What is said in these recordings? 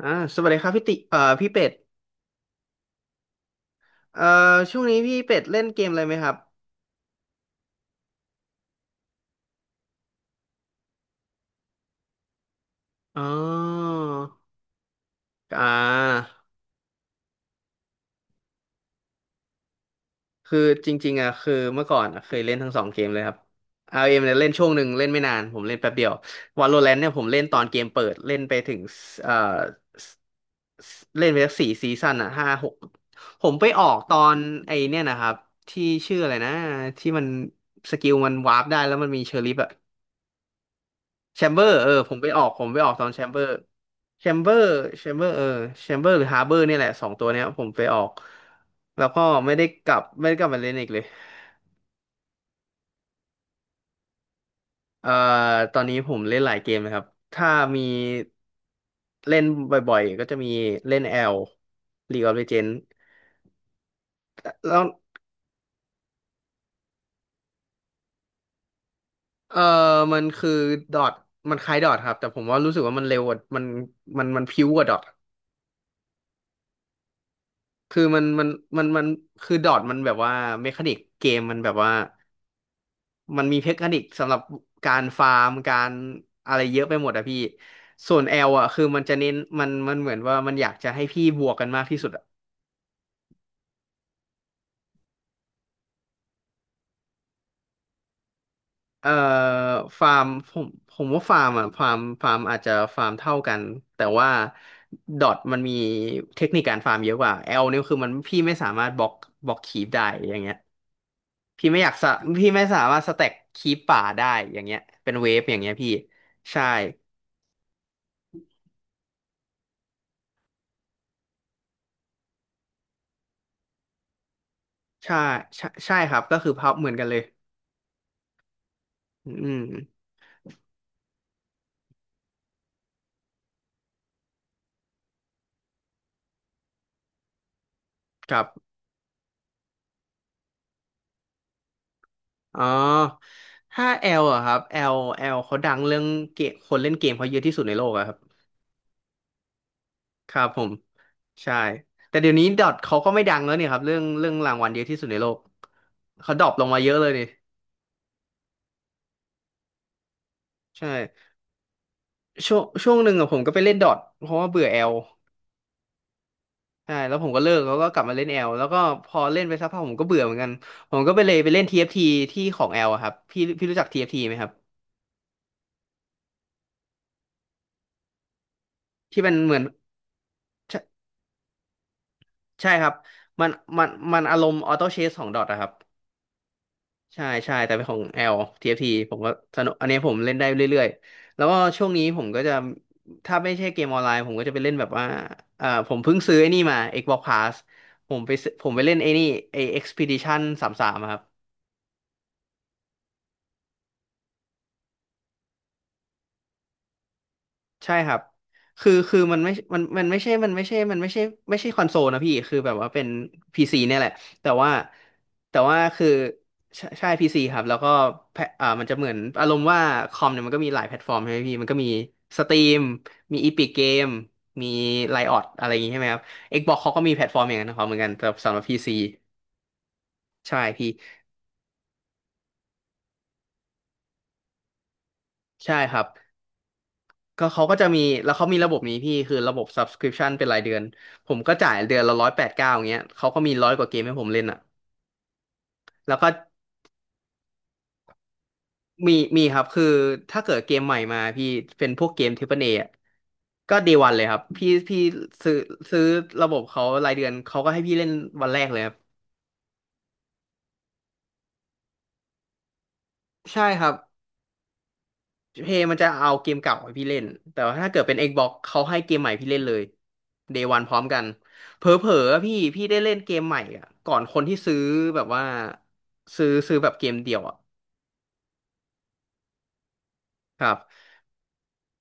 อ่าสวัสดีครับพี่ติพี่เป็ดเอ่อช่วงนี้พี่เป็ดเล่นเกมอะไรไหมครับอ๋ออ่าคือจริงๆอ่ะคือเมื่อก่อนอะเคยเล่นทั้งสองเกมเลยครับ RM เอ็มเนี่ยเล่นช่วงหนึ่งเล่นไม่นานผมเล่นแป๊บเดียว Valorant เนี่ยผมเล่นตอนเกมเปิดเล่นไปถึงเอ่อเล่นไปสักสี่ซีซั่นอ่ะห้าหกผมไปออกตอนไอเนี่ยนะครับที่ชื่ออะไรนะที่มันสกิลมันวาร์ปได้แล้วมันมีเชอริฟอะ แชมเบอร์เออผมไปออกตอนแชมเบอร์แชมเบอร์แชมเบอร์เออแชมเบอร์หรือฮาร์เบอร์เนี่ยแหละสองตัวเนี้ยผมไปออกแล้วก็ไม่ได้กลับมาเล่นอีกเลยเอ่อตอนนี้ผมเล่นหลายเกมนะครับถ้ามีเล่นบ่อยๆก็จะมีเล่น L League of Legends แล้วเอ่อมันคือดอทมันคล้ายดอทครับแต่ผมว่ารู้สึกว่ามันเร็วกว่ามันมันพิ้วกว่าดอทคือมันคือดอทมันแบบว่าเมคานิกเกมมันแบบว่า มันมีเทคนิคสำหรับการฟาร์มการอะไรเยอะไปหมดอะพี่ส่วน L อะคือมันจะเน้นมันเหมือนว่ามันอยากจะให้พี่บวกกันมากที่สุดอะเอ่อฟาร์มผมว่าฟาร์มอะฟาร์มอาจจะฟาร์มเท่ากันแต่ว่าดอทมันมีเทคนิคการฟาร์มเยอะกว่า L เนี่ยคือมันพี่ไม่สามารถบล็อกคีปได้อย่างเงี้ยพี่ไม่อยากสะพี่ไม่สามารถสแต็กคีปป่าได้อย่างเงี้ยเป็นเวฟอย่างเงี้ยพี่ใช่ใช่ใช่ครับก็คือพับเหมือนกันเลย อืมครับอ๋อถ้าแอลอะครับแอลแอลเขาดังเรื่องเกมคนเล่นเกมเขาเยอะที่สุดในโลกอะครับครับผมใช่แต่เดี๋ยวนี้ดอทเขาก็ไม่ดังแล้วเนี่ยครับเรื่องรางวัลเยอะที่สุดในโลกเขาดรอปลงมาเยอะเลยนี่ใช่ช่วงหนึ่งอะผมก็ไปเล่นดอทเพราะว่าเบื่อแอลใช่แล้วผมก็เลิกแล้วก็กลับมาเล่นแอลแล้วก็พอเล่นไปสักพักผมก็เบื่อเหมือนกันผมก็ไปเลยไปเล่น t f ฟทีที่ของแอลอะครับพี่พี่รู้จัก t ทีไหมครับที่มันเหมือน ใช่ครับ มันมันอารมณ์ออโต้เชสของดอทอะครับใช่ใช่แต่เป็นของ L TFT ผมก็สนุกอันนี้ผมเล่นได้เรื่อยๆ แล้วก็ช่วงนี้ผมก็จะถ้าไม่ใช่เกมออนไลน์ผมก็จะไปเล่นแบบว่าผมเพิ่งซื้อไอ้นี่มา Xbox Pass ผมไปซื้อผมไปเล่นไอ้นี่ไอ้ Expedition 33อะครับ ใช่ครับ คือคือมันมันไม่ใช่มันไม่ใช่ไม่ใช่คอนโซลนะพี่ คือแบบว่าเป็นพีซีเนี่ยแหละแต่ว่าคือใช่ใช่พีซีครับ แล้วก็แพลอ่ามันจะเหมือนอารมณ์ว่าคอมเนี่ยมันก็มีหลายแพลตฟอร์มใช่ไหมพี่ มันก็มีสตรีมมีอีพิกเกมมีไลออดอะไรอย่างงี้ใช่ไหมครับ Xbox เขาก็มีแพลตฟอร์มอย่างนั้นของเขาเหมือนกันแต่สำหรับพีซีใช่พี่ใช่ครับ ก็เขาก็จะมีแล้วเขามีระบบนี้พี่คือระบบ subscription เป็นรายเดือนผมก็จ่ายเดือนละร้อยแปดเก้าอย่างเงี้ยเขาก็มีร้อยกว่าเกมให้ผมเล่นอ่ะแล้วก็มีมีครับคือถ้าเกิดเกมใหม่มาพี่เป็นพวกเกมทรเปิลเอะก็เดวันเลยครับพี่พี่ซื้อซื้อระบบเขารายเดือนเขาก็ให้พี่เล่นวันแรกเลยครับใช่ครับ เพย์มันจะเอาเกมเก่าให้พี่เล่น แต่ว่าถ้าเกิดเป็น Xbox เขาให้เกมใหม่พี่เล่นเลย Day One พร้อมกันเผลอๆอะพี่พี่ได้เล่นเกมใหม่อ่ะก่อนคนที่ซื้อแบบว่าซื้อแบบเกมเดียวอ่ะครับ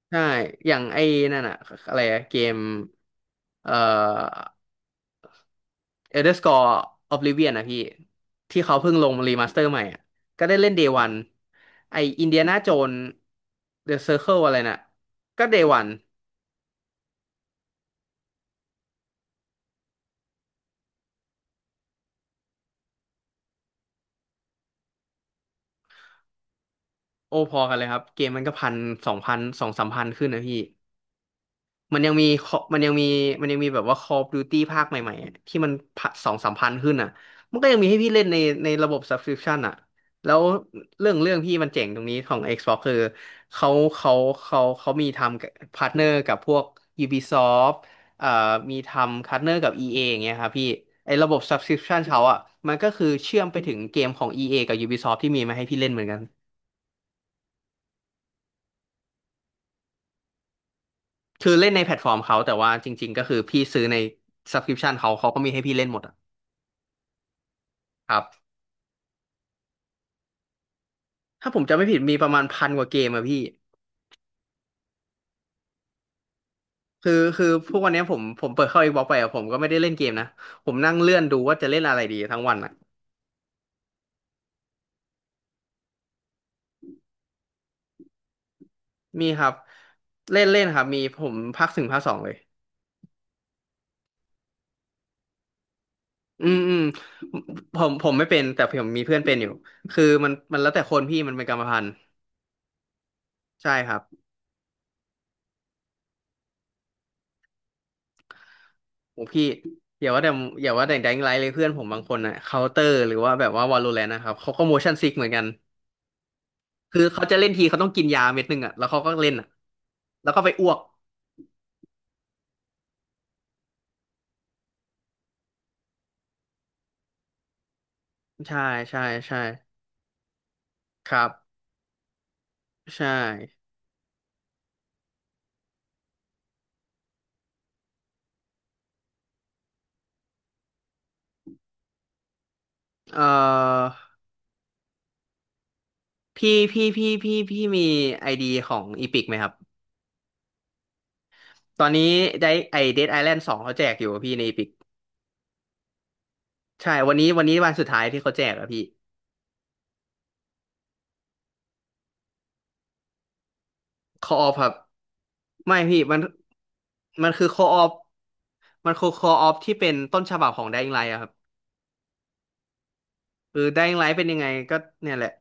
ใช่อย่างไอ้นั่นอ่ะอะไรอะเกมเอ่อ Elder Scrolls Oblivion นะพี่ที่เขาเพิ่งลงรีมาสเตอร์ใหม่อ่ะก็ได้เล่น Day One ไอ้ Indiana Jones The Circle อะไรน่ะก็ Day One โอ้พอกันเลยครับเกมมันก็พันสองพันสองสามพันขึ้นนะพี่มันยังมี Call- มันยังมีมันยังมีแบบว่า Call of Duty ภาคใหม่ๆอะที่มันสองสามพันขึ้นอ่ะมันก็ยังมีให้พี่เล่นในระบบ subscription อ่ะแล้วเรื่องพี่มันเจ๋งตรงนี้ของ Xbox คือเขาเขาเขามีทำพาร์ทเนอร์กับพวก Ubisoft เอ่อมีทำพาร์ทเนอร์กับ EA ออย่างเงี้ยครับพี่ไอ้ระบบ subscription เขาอ่ะมันก็คือเชื่อมไปถึงเกมของ EA กับ Ubisoft ที่มีมาให้พี่เล่นเหมือนกัน คือเล่นในแพลตฟอร์มเขาแต่ว่าจริงๆก็คือพี่ซื้อใน subscription เขาก็มีให้พี่เล่นหมดอะครับถ้าผมจำไม่ผิดมีประมาณพันกว่าเกมอะพี่คือพวกวันเนี้ยผมเปิดเข้า Xbox ไปอะผมก็ไม่ได้เล่นเกมนะผมนั่งเลื่อนดูว่าจะเล่นอะไรดีทั้งวันอะมีครับเล่นเล่นครับมีผมภาคถึงภาคสองเลยอืมอืมผมไม่เป็นแต่ผมมีเพื่อนเป็นอยู่คือมันแล้วแต่คนพี่มันเป็นกรรมพันธุ์ใช่ครับ โอ้พี่อย่าว่าแต่อย่าว่าแต่แดงไลท์เลยเพื่อนผมบางคนอะเคาน์เตอร์หรือว่าแบบว่าวาโลแรนต์นะครับเขาก็โมชั่นซิกเหมือนกันคือเขาจะเล่นทีเขาต้องกินยาเม็ดหนึ่งอะแล้วเขาก็เล่นอะแล้วก็ไปอ้วกใช่ใช่ใช่ครับใช่เอ่อพี่มีไอดีของอีพิกไหมครับตอนนี้ได้ไอเดดไอแลนด์สองเขาแจกอยู่อะพี่ในอีพิกใช่วันนี้วันสุดท้ายที่เขาแจกอะพี่ คอออฟครับไม่พี่มันมันคือคอออฟมันคือคอออฟที่เป็นต้นฉบับของได i ิงไลท์อะครับคือได i ิงไลท์เป็นยังไงก็เนี่ยแหละ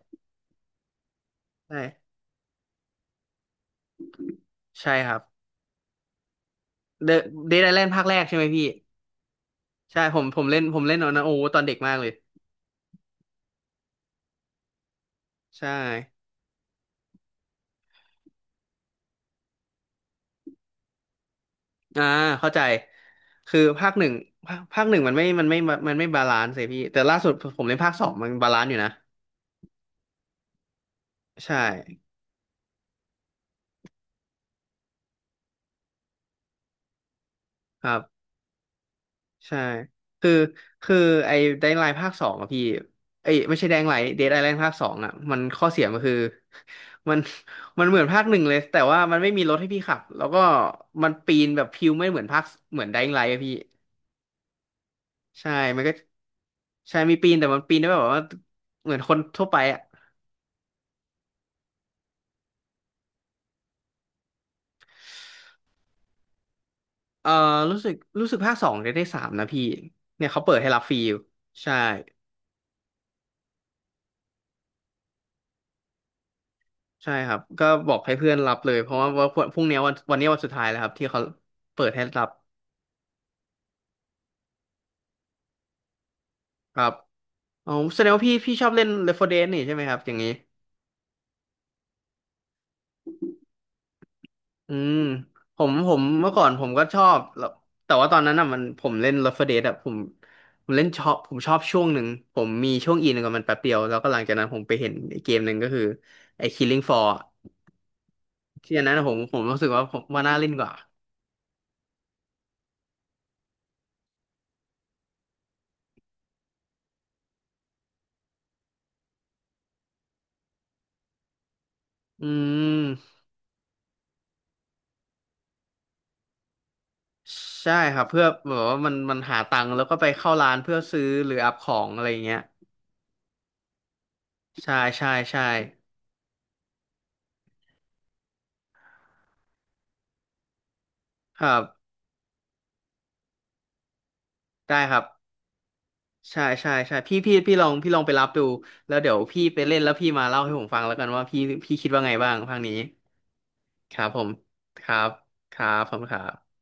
ใช่ใช่ครับเดอะเดดไอแลนด์ภาคแรกใช่ไหมพี่ใช่ผมเล่นผมเล่นตอนนั้นโอ้โหตอนเด็กมากเลยใช่อ่าเข้าใจคือภาคหนึ่งภาคหนึ่งมันไม่บาลานซ์เลยพี่แต่ล่าสุดผมเล่นภาคสองมันบาลานซ์อยู่นะใช่ครับ ใช่คือคือไอ้ไดน์ไลน์ภาคสองอะพี่เอ้ยไม่ใช่แดงไลน์เดดไอแลนด์ภาคสองอะมันข้อเสียมันคือ มันมันเหมือนภาคหนึ่งเลยแต่ว่ามันไม่มีรถให้พี่ขับแล้วก็มันปีนแบบพิวไม่เหมือนภาคเหมือนไดน์ไลน์อะพี่ใช่มันก็ใช่มีปีนแต่มันปีนได้แบบว่าเหมือนคนทั่วไปอะเออรู้สึกรู้สึกภาคสองจะได้สามนะพี่เนี่ยเขาเปิดให้รับฟรีอยู่ใช่ใช่ครับก็บอกให้เพื่อนรับเลยเพราะว่าพรุ่งนี้วันวันนี้วันสุดท้ายแล้วครับที่เขาเปิดให้รับ ครับอ๋อแสดงว่าพี่ชอบเล่น Left 4 Dead นี่ใช่ไหมครับอย่างนี้อืมผมเมื่อก่อนผมก็ชอบแล้วแต่ว่าตอนนั้นอ่ะมันผมเล่น Left 4 Dead อ่ะผมผมเล่นชอบผมชอบช่วงหนึ่งผมมีช่วงอินกับมันแป๊บเดียวแล้วก็หลังจากนั้นผมไปเห็นไอ้เกมหนึ่งก็คือไอ้ Killing Floor อะที่อันนั้นอะผมรู้สึกว่าผมว่าน่าเล่นกว่าอืมใช่ครับเพื่อแบบว่ามันหาตังค์แล้วก็ไปเข้าร้านเพื่อซื้อหรืออัพของอะไรอย่างเงี้ยใช่ใช่ใช่ครับได้ครับ ใช่ใช่ใช่พี่ลองพี่ลองไปรับดูแล้วเดี๋ยวพี่ไปเล่นแล้วพี่มาเล่าให้ผมฟังแล้วกันว่าพี่พี่คิดว่าไงบ้างภาคนี้ครับผมครับครับผมคณครับ